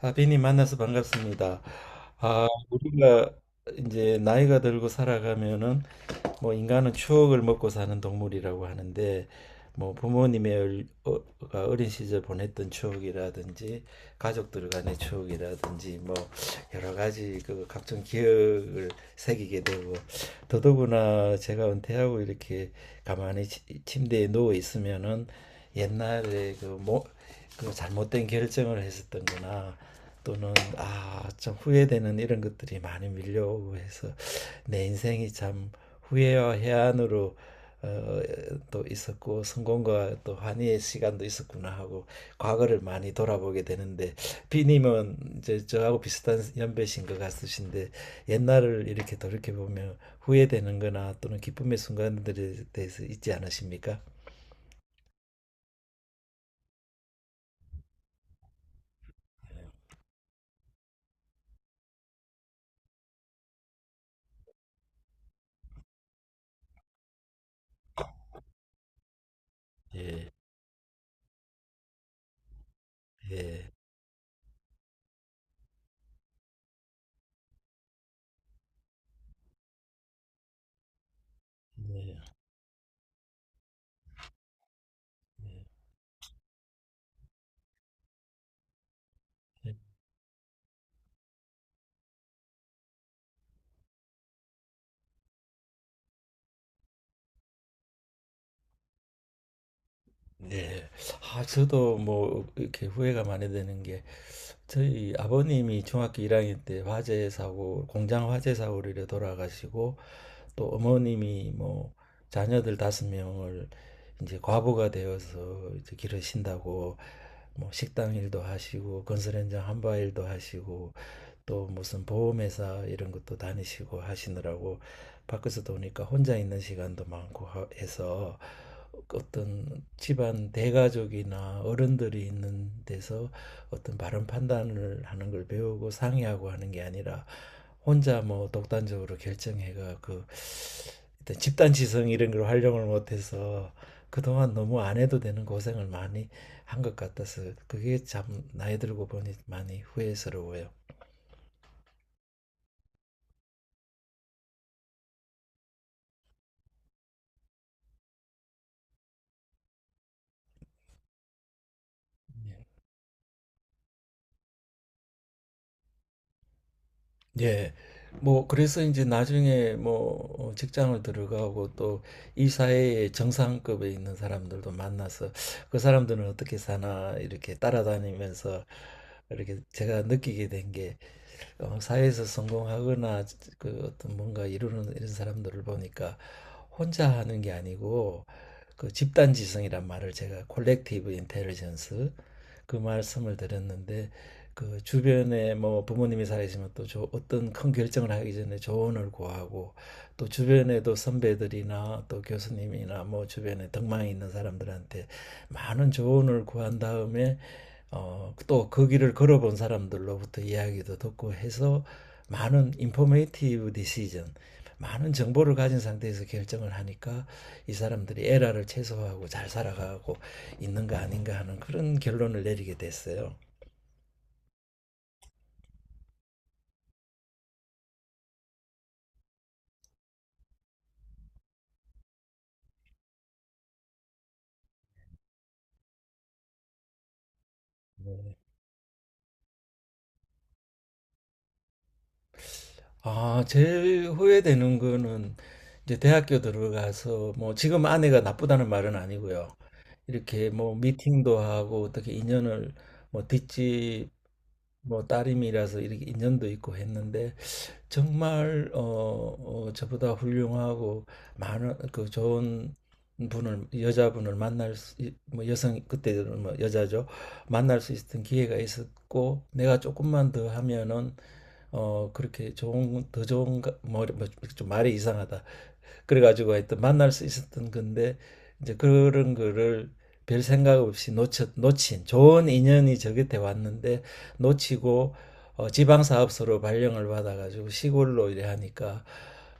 하빈이 만나서 반갑습니다. 아, 우리가 이제 나이가 들고 살아가면은 뭐 인간은 추억을 먹고 사는 동물이라고 하는데, 뭐 부모님의 가 어린 시절 보냈던 추억이라든지 가족들 간의 추억이라든지, 뭐 여러 가지 그 각종 기억을 새기게 되고 더더구나 제가 은퇴하고 이렇게 가만히 침대에 누워 있으면은, 옛날에 그 뭐 그 잘못된 결정을 했었던거나 또는 아 좀 후회되는 이런 것들이 많이 밀려오고 해서 내 인생이 참 후회와 해안으로 어, 또 있었고 성공과 또 환희의 시간도 있었구나 하고 과거를 많이 돌아보게 되는데, 비님은 이제 저하고 비슷한 연배신 것 같으신데 옛날을 이렇게 돌이켜 보면 후회되는 거나 또는 기쁨의 순간들에 대해서 있지 않으십니까? 예, 예, 예. 예. 예. 아, 저도 뭐 이렇게 후회가 많이 되는 게, 저희 아버님이 중학교 1학년 때 화재 사고, 공장 화재 사고로 이래 돌아가시고, 또 어머님이 뭐 자녀들 다섯 명을 이제 과부가 되어서 이제 기르신다고 뭐 식당 일도 하시고 건설 현장 한바 일도 하시고 또 무슨 보험회사 이런 것도 다니시고 하시느라고 밖에서 도니까 혼자 있는 시간도 많고 해서, 어떤 집안 대가족이나 어른들이 있는 데서 어떤 바른 판단을 하는 걸 배우고 상의하고 하는 게 아니라 혼자 뭐 독단적으로 결정해가 그 일단 집단 지성 이런 걸 활용을 못해서 그동안 너무 안 해도 되는 고생을 많이 한 것 같아서 그게 참 나이 들고 보니 많이 후회스러워요. 예. 예. 뭐 그래서 이제 나중에 뭐 직장을 들어가고 또 이 사회의 정상급에 있는 사람들도 만나서 그 사람들은 어떻게 사나 이렇게 따라다니면서 이렇게 제가 느끼게 된게, 사회에서 성공하거나 그 어떤 뭔가 이루는 이런 사람들을 보니까 혼자 하는 게 아니고 그 집단지성이란 말을 제가 콜렉티브 인텔리전스, 그 말씀을 드렸는데 그 주변에 뭐 부모님이 살아계시면 또 저 어떤 큰 결정을 하기 전에 조언을 구하고 또 주변에도 선배들이나 또 교수님이나 뭐 주변에 덕망이 있는 사람들한테 많은 조언을 구한 다음에 또 그 길을 걸어본 사람들로부터 이야기도 듣고 해서 많은 인포메이티브 디시전, 많은 정보를 가진 상태에서 결정을 하니까 이 사람들이 에러를 최소화하고 잘 살아가고 있는 거 아닌가 하는 그런 결론을 내리게 됐어요. 아, 제일 후회되는 거는 이제 대학교 들어가서, 뭐 지금 아내가 나쁘다는 말은 아니고요. 이렇게 뭐 미팅도 하고 어떻게 인연을, 뭐 뒷집 뭐 따님이라서 이렇게 인연도 있고 했는데 정말 저보다 훌륭하고 많은 그 좋은 분을 여자분을 만날 수, 뭐 여성 그때는 뭐 여자죠. 만날 수 있었던 기회가 있었고 내가 조금만 더 하면은 그렇게 좋은 더 좋은 뭐, 뭐좀 말이 이상하다. 그래가지고 하여튼 만날 수 있었던 건데 이제 그런 거를 별 생각 없이 놓친 좋은 인연이 저 곁에 왔는데 놓치고 지방사업소로 발령을 받아가지고 시골로 이래 하니까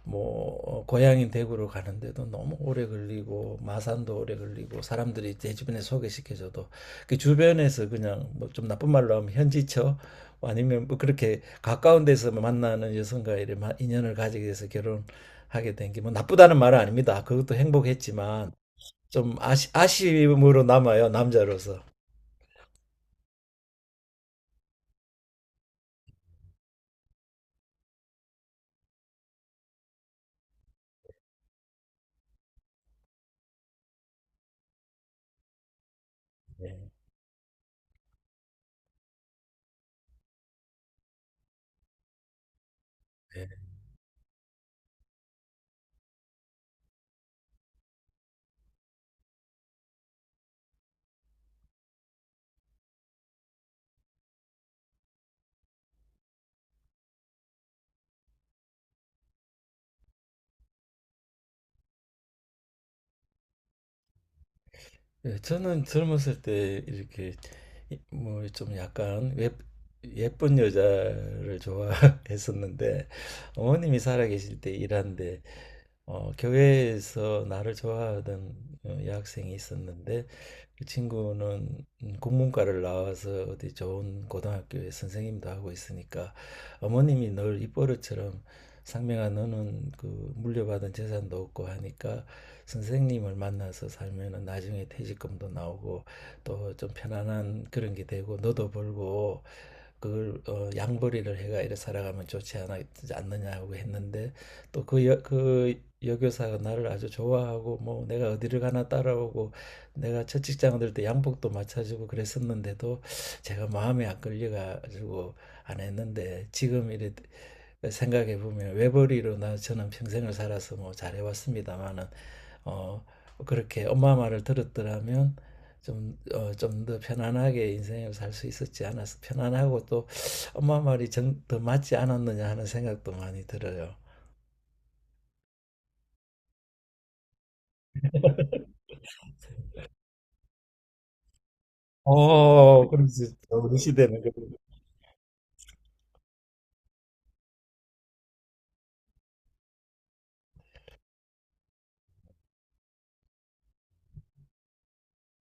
뭐 고향인 대구로 가는데도 너무 오래 걸리고 마산도 오래 걸리고 사람들이 내 주변에 소개시켜줘도 그 주변에서 그냥 뭐 좀 나쁜 말로 하면 현지처 아니면 뭐 그렇게 가까운 데서 만나는 여성과 이래 인연을 가지게 돼서 결혼 하게 된 게, 뭐 나쁘다는 말은 아닙니다. 그것도 행복했지만 좀 아쉬움으로 남아요, 남자로서. 예, 예. 예, 저는 젊었을 때 이렇게 뭐 좀 약간 예쁜 여자를 좋아했었는데 어머님이 살아계실 때 일하는데 교회에서 나를 좋아하던 여학생이 있었는데, 그 친구는 국문과를 나와서 어디 좋은 고등학교에 선생님도 하고 있으니까 어머님이 늘 입버릇처럼, 상명아 너는 그 물려받은 재산도 없고 하니까 선생님을 만나서 살면은 나중에 퇴직금도 나오고 또 좀 편안한 그런 게 되고 너도 벌고 그걸 양벌이를 해가 이래 살아가면 않느냐고 했는데, 또 그 여교사가 나를 아주 좋아하고 뭐 내가 어디를 가나 따라오고 내가 첫 직장 들때 양복도 맞춰주고 그랬었는데도 제가 마음에 안 걸려가지고 안 했는데, 지금 이래 생각해 보면 외벌이로 나 저는 평생을 살아서 뭐 잘해왔습니다마는 어 그렇게 엄마 말을 들었더라면 좀 더 편안하게 인생을 살 수 있었지 않았어, 편안하고 또 엄마 말이 더 맞지 않았느냐 하는 생각도 많이 들어요. 그렇지. 우리 시대는 그래.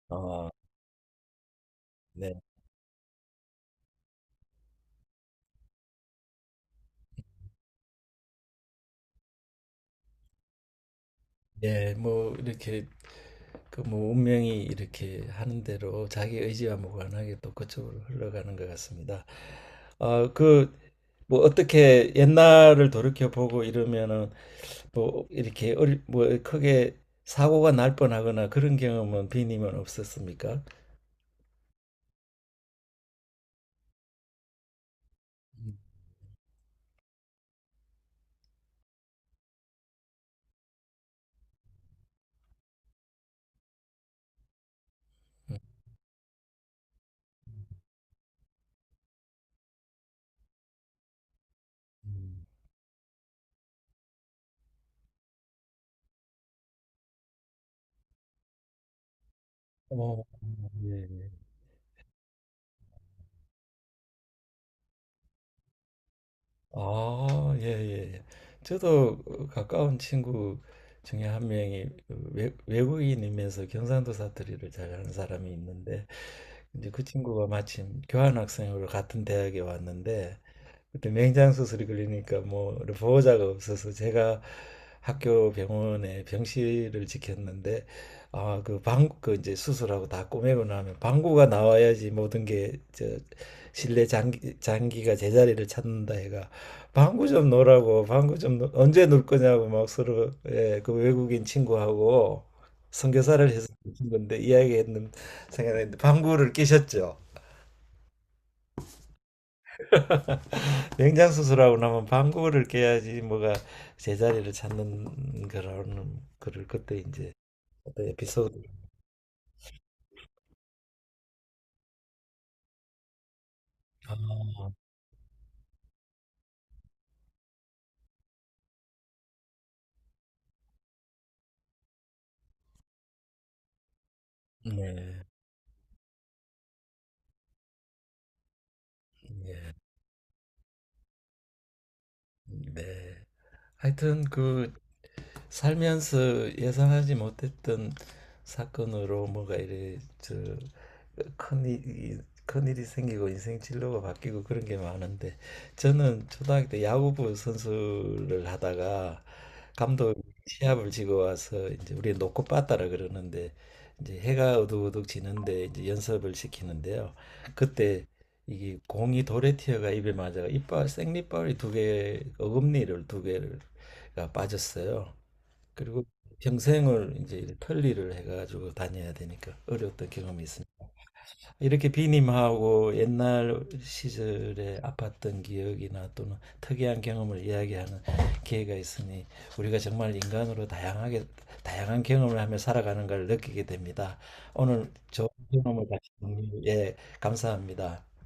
어, 네. 예, 뭐 이렇게 그 뭐 운명이 이렇게 하는 대로 자기 의지와 무관하게 또 그쪽으로 흘러가는 것 같습니다. 그 뭐 어떻게 옛날을 돌이켜 보고 이러면은 뭐 이렇게 뭐 크게 사고가 날 뻔하거나 그런 경험은 비님은 없었습니까? 음. 어, 예. 아, 예, 예, 예. 저도 가까운 친구 중에 한 명이, 외국인이면서 경상도 사투리를 잘하는 사람이 있는데 이제 그 친구가 마침 교환학생으로 같은 대학에 왔는데 그때 맹장수술이 걸리니까 뭐 보호자가 없어서 제가 학교 병원에 병실을 지켰는데, 아, 그 방구 그 이제 수술하고 다 꼬매고 나면 방구가 나와야지 모든 게 저 실내 장기가 제자리를 찾는다 해가 방구 좀 놓으라고, 방구 좀 언제 놀 거냐고 막 서로, 예, 그 외국인 친구하고 선교사를 해서 친 건데 이야기했는 생각했는데 방구를 끼셨죠. 명장 수술하고 나면 방구를 깨야지 뭐가 제자리를 찾는 거라는 거를 그때 이제 어떤 에피소드. 아, 네, 네. 하여튼 그 살면서 예상하지 못했던 사건으로 뭐가 이래 저큰 큰일이 생기고 인생 진로가 바뀌고 그런 게 많은데, 저는 초등학교 때 야구부 선수를 하다가 감독 시합을 지고 와서 이제 우리 놓고 빠따라 그러는데, 이제 해가 우둑우둑 지는데 이제 연습을 시키는데요. 그때 이게 공이 돌에 튀어가 입에 맞아가 이빨 생리빨이 두 개 어금니를 두 개가 빠졌어요. 그리고 평생을 이제 편리를 해가지고 다녀야 되니까 어려웠던 경험이 있습니다. 이렇게 비님하고 옛날 시절에 아팠던 기억이나 또는 특이한 경험을 이야기하는 기회가 있으니 우리가 정말 인간으로 다양하게 다양한 경험을 하며 살아가는 걸 느끼게 됩니다. 오늘 좋은 경험을 같이 예, 감사합니다.